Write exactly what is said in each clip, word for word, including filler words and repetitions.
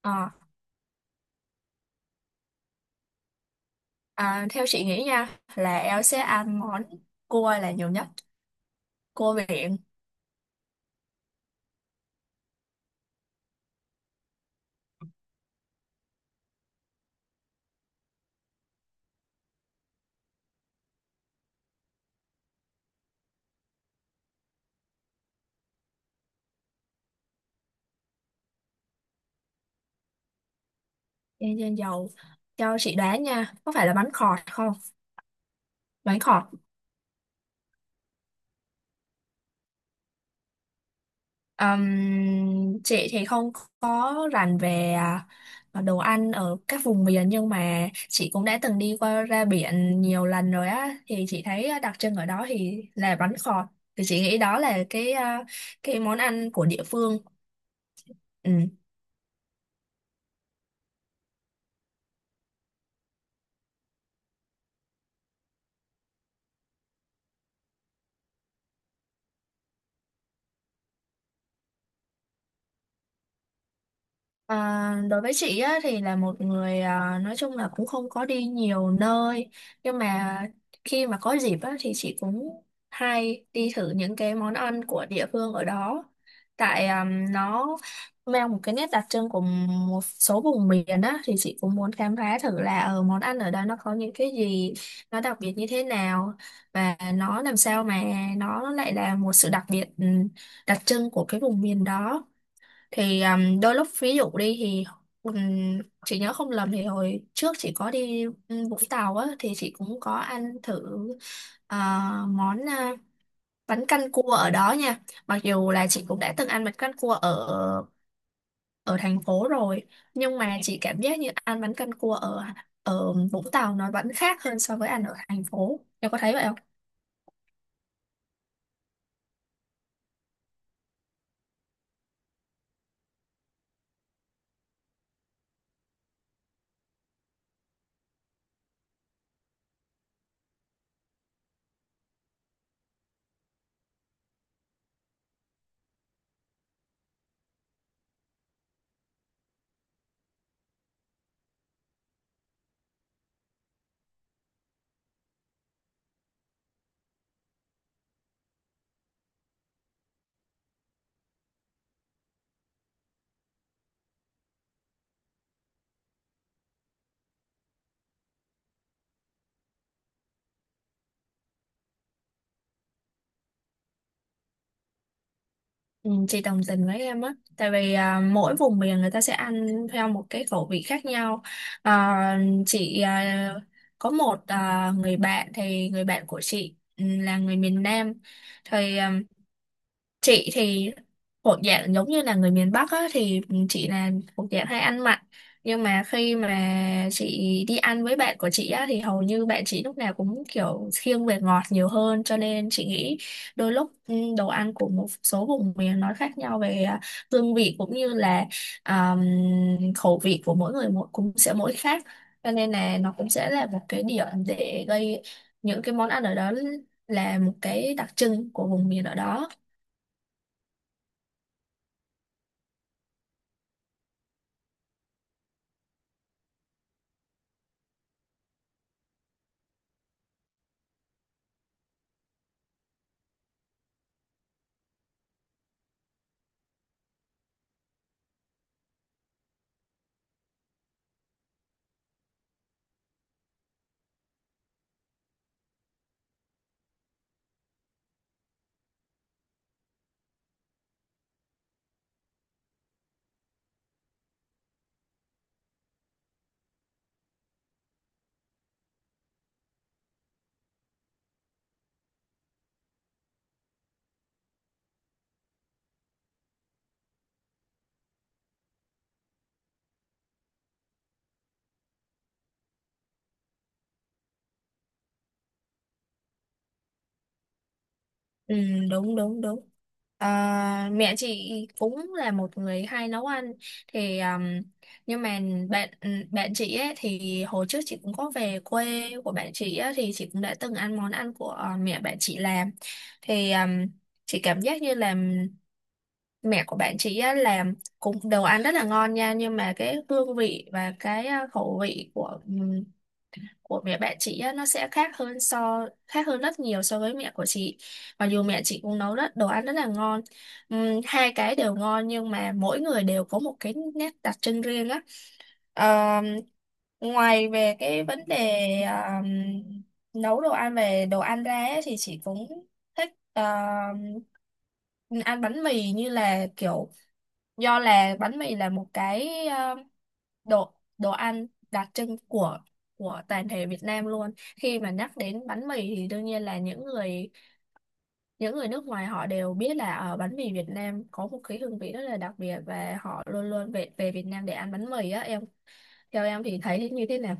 Ờ, à, Theo chị nghĩ nha là em sẽ ăn món cua là nhiều nhất, cua biển. Chiên trên dầu, cho chị đoán nha, có phải là bánh khọt không? Bánh khọt. Ừm, chị thì không có rành về à, à, đồ ăn ở các vùng miền, nhưng mà chị cũng đã từng đi qua ra biển nhiều lần rồi á, thì chị thấy à, đặc trưng ở đó thì là bánh khọt, thì chị nghĩ đó là cái à, cái món ăn của địa phương. À, đối với chị á, thì là một người, à, nói chung là cũng không có đi nhiều nơi, nhưng mà khi mà có dịp á, thì chị cũng hay đi thử những cái món ăn của địa phương ở đó, tại à, nó mang một cái nét đặc trưng của một số vùng miền á, thì chị cũng muốn khám phá thử là ở món ăn ở đó nó có những cái gì, nó đặc biệt như thế nào, và nó làm sao mà nó lại là một sự đặc biệt, ừ, đặc trưng của cái vùng miền đó. Thì um, đôi lúc ví dụ đi thì, um, chị nhớ không lầm thì hồi trước chị có đi um, Vũng Tàu á, thì chị cũng có ăn thử ờ, món, à, bánh canh cua ở đó nha. Mặc dù là chị cũng đã từng ăn bánh canh cua ở ở thành phố rồi, nhưng mà chị cảm giác như ăn bánh canh cua ở ở Vũng Tàu nó vẫn khác hơn so với ăn ở thành phố, em có thấy vậy không? Ừ, chị đồng tình với em á, tại vì à, mỗi vùng miền người ta sẽ ăn theo một cái khẩu vị khác nhau. À, chị à, có một à, người bạn, thì người bạn của chị ừ, là người miền Nam, thì à, chị thì thuộc dạng giống như là người miền Bắc á, thì chị là thuộc dạng hay ăn mặn, nhưng mà khi mà chị đi ăn với bạn của chị á, thì hầu như bạn chị lúc nào cũng kiểu khiêng về ngọt nhiều hơn, cho nên chị nghĩ đôi lúc, ừ, đồ ăn của một số vùng miền nó khác nhau về à, hương vị, cũng như là, um, khẩu vị của mỗi người mỗi cũng sẽ mỗi khác, cho nên là nó cũng sẽ là một cái điểm để gây những cái món ăn ở đó là một cái đặc trưng của vùng miền ở đó. Ừ, đúng đúng đúng. À, mẹ chị cũng là một người hay nấu ăn, thì, um, nhưng mà bạn ừ, bạn chị ấy, thì hồi trước chị cũng có về quê của bạn chị ấy, thì chị cũng đã từng ăn món ăn của ờ, mẹ bạn chị làm. Thì um, chị cảm giác như là mẹ của bạn chị ấy làm cũng đồ ăn rất là ngon nha, nhưng mà cái hương vị và cái ờ, khẩu vị của của mẹ bạn chị á, nó sẽ khác hơn so khác hơn rất nhiều so với mẹ của chị, mặc dù mẹ chị cũng nấu rất đồ ăn rất là ngon. Ừm, hai cái đều ngon nhưng mà mỗi người đều có một cái nét đặc trưng riêng á. Ờm, Ngoài về cái vấn đề, ờm, nấu đồ ăn, về đồ ăn ra ấy, thì chị cũng thích ờm, ăn bánh mì, như là kiểu do là bánh mì là một cái đồ đồ ăn đặc trưng của của toàn thể Việt Nam luôn. Khi mà nhắc đến bánh mì thì đương nhiên là những người những người nước ngoài họ đều biết là ở bánh mì Việt Nam có một cái hương vị rất là đặc biệt, và họ luôn luôn về về Việt Nam để ăn bánh mì á em, theo em thì thấy như thế nào?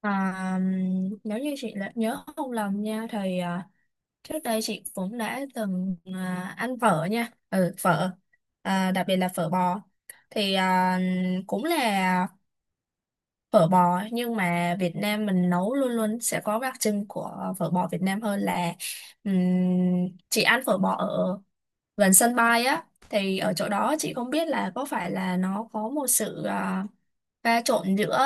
à, Nếu như chị lỡ- nhớ không lầm nha thì, à, trước đây chị cũng đã từng à, ăn phở nha, ừ phở, à, đặc biệt là phở bò. Thì à, cũng là phở bò nhưng mà Việt Nam mình nấu luôn luôn sẽ có đặc trưng của phở bò Việt Nam hơn là, ừm, chị ăn phở bò ở gần sân bay á, thì ở chỗ đó chị không biết là có phải là nó có một sự à, pha trộn giữa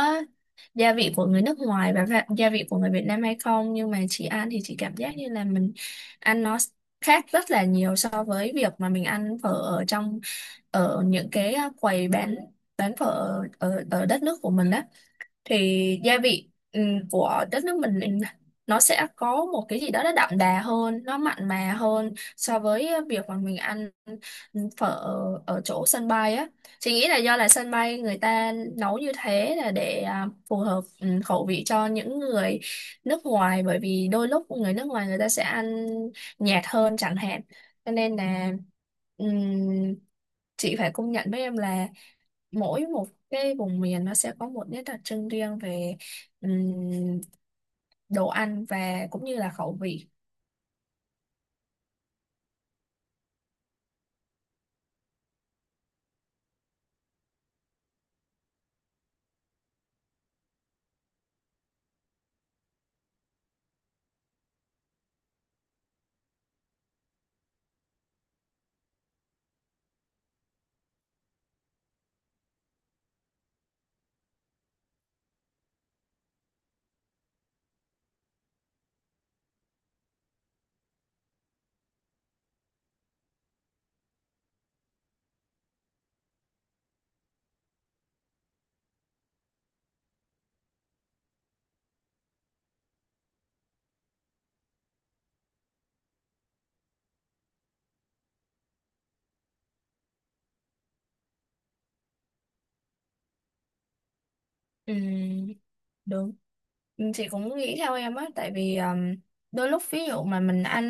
gia vị của người nước ngoài và va- gia vị của người Việt Nam hay không, nhưng mà chị ăn thì chị cảm giác như là mình ăn nó khác rất là nhiều so với việc mà mình ăn phở ở trong ở những cái à, quầy bán bán phở ở, ở đất nước của mình á, thì gia vị ừ, của đất nước mình mình- nó sẽ có một cái gì đó nó đậm đà hơn, nó mặn mà hơn so với ờ, việc mà mình ăn ừ, phở ở chỗ sân bay á. Chị nghĩ là do là sân bay người ta nấu như thế là để à, phù hợp ừ, khẩu vị cho những người nước ngoài, bởi vì đôi lúc người nước ngoài người ta sẽ ăn nhạt hơn chẳng hạn, cho nên là, ừm, chị phải công nhận với em là mỗi một cái vùng miền nó sẽ có một nét đặc trưng riêng về ừm, đồ ăn và cũng như là khẩu vị. Ừm, đúng. Ừ, chị cũng nghĩ theo em á, tại vì um, đôi lúc ví dụ mà mình ăn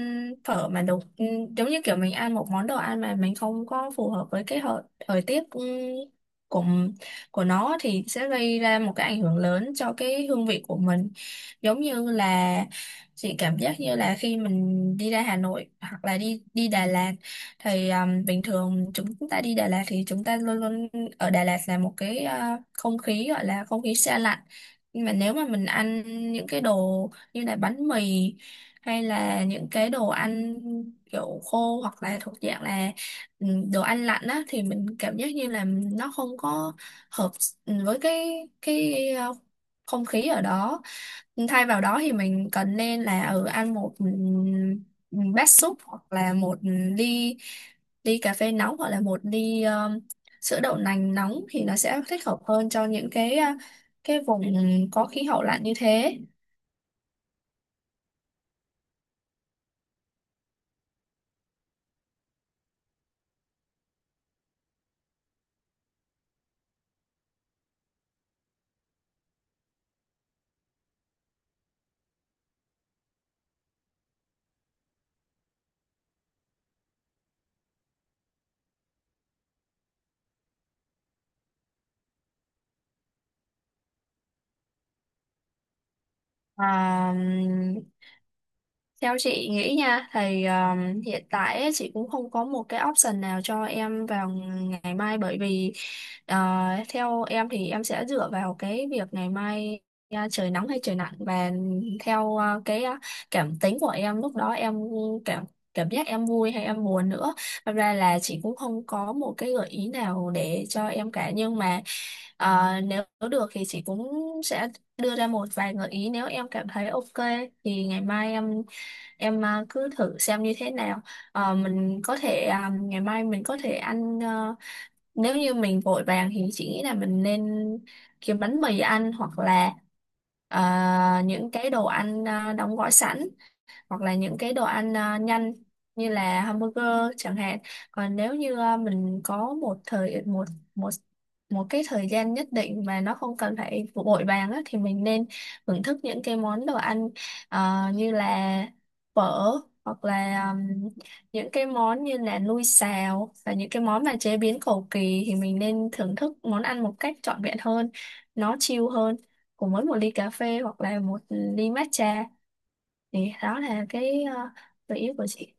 phở mà đồ, ừ, giống như kiểu mình ăn một món đồ ăn mà mình không có phù hợp với cái thời, thời tiết, ừ, của của nó thì sẽ gây ra một cái ảnh hưởng lớn cho cái hương vị của mình. Giống như là chị cảm giác như là khi mình đi ra Hà Nội hoặc là đi đi Đà Lạt thì, um, bình thường chúng ta đi Đà Lạt thì chúng ta luôn luôn ở Đà Lạt là một cái, uh, không khí, gọi là không khí se lạnh. Nhưng mà nếu mà mình ăn những cái đồ như là bánh mì, hay là những cái đồ ăn kiểu khô hoặc là thuộc dạng là ừ, đồ ăn lạnh á, thì mình cảm giác như là nó không có hợp s- ừ, với cái cái ờ, không khí ở đó. Thay vào đó thì mình cần nên là ở ăn một ừ, ừ, bát súp hoặc là một ly ly cà phê nóng hoặc là một ly, ờ, sữa đậu nành nóng, thì nó sẽ thích hợp hơn cho những cái ờ, cái vùng có khí hậu lạnh như thế. À, Theo chị nghĩ nha thì, um, hiện tại ấy, chị cũng không có một cái option nào cho em vào ngày mai, bởi vì ờ, theo em thì em sẽ dựa vào cái việc ngày mai, à, trời nắng hay trời nặng, và theo à, cái à, cảm tính của em lúc đó, em cảm cảm giác em vui hay em buồn nữa. Thật ra là chị cũng không có một cái gợi ý nào để cho em cả, nhưng mà, Ờ, nếu được thì chị cũng sẽ đưa ra một vài gợi ý, nếu em cảm thấy ok thì ngày mai em em à, cứ thử xem như thế nào. Ờ, mình có thể à, Ngày mai mình có thể ăn, ờ, nếu như mình vội vàng thì chị nghĩ là mình nên kiếm bánh mì ăn, hoặc là ờ, những cái đồ ăn à, đóng gói sẵn, hoặc là những cái đồ ăn à, nhanh như là hamburger chẳng hạn. Còn nếu như à, mình có một thời một một một cái thời gian nhất định mà nó không cần phải vội vàng á, thì mình nên thưởng thức những cái món đồ ăn, à, như là phở hoặc là, um, những cái món như là nui xào và những cái món mà chế biến cầu kỳ, thì mình nên thưởng thức món ăn một cách trọn vẹn hơn, nó chill hơn, cùng với một ly cà phê hoặc là một ly matcha. Thì đó là cái, ờ, gợi ý của chị.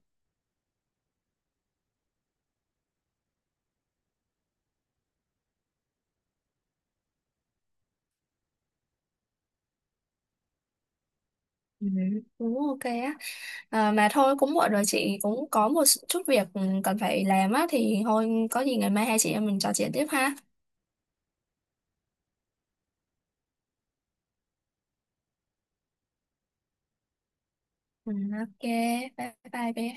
Ừ, cũng ok á. À, mà thôi cũng muộn rồi, chị cũng có một chút việc ừ, cần phải làm á, thì thôi có gì ngày mai hai chị em mình trò chuyện tiếp ha. Ừ, ok, bye bye bé.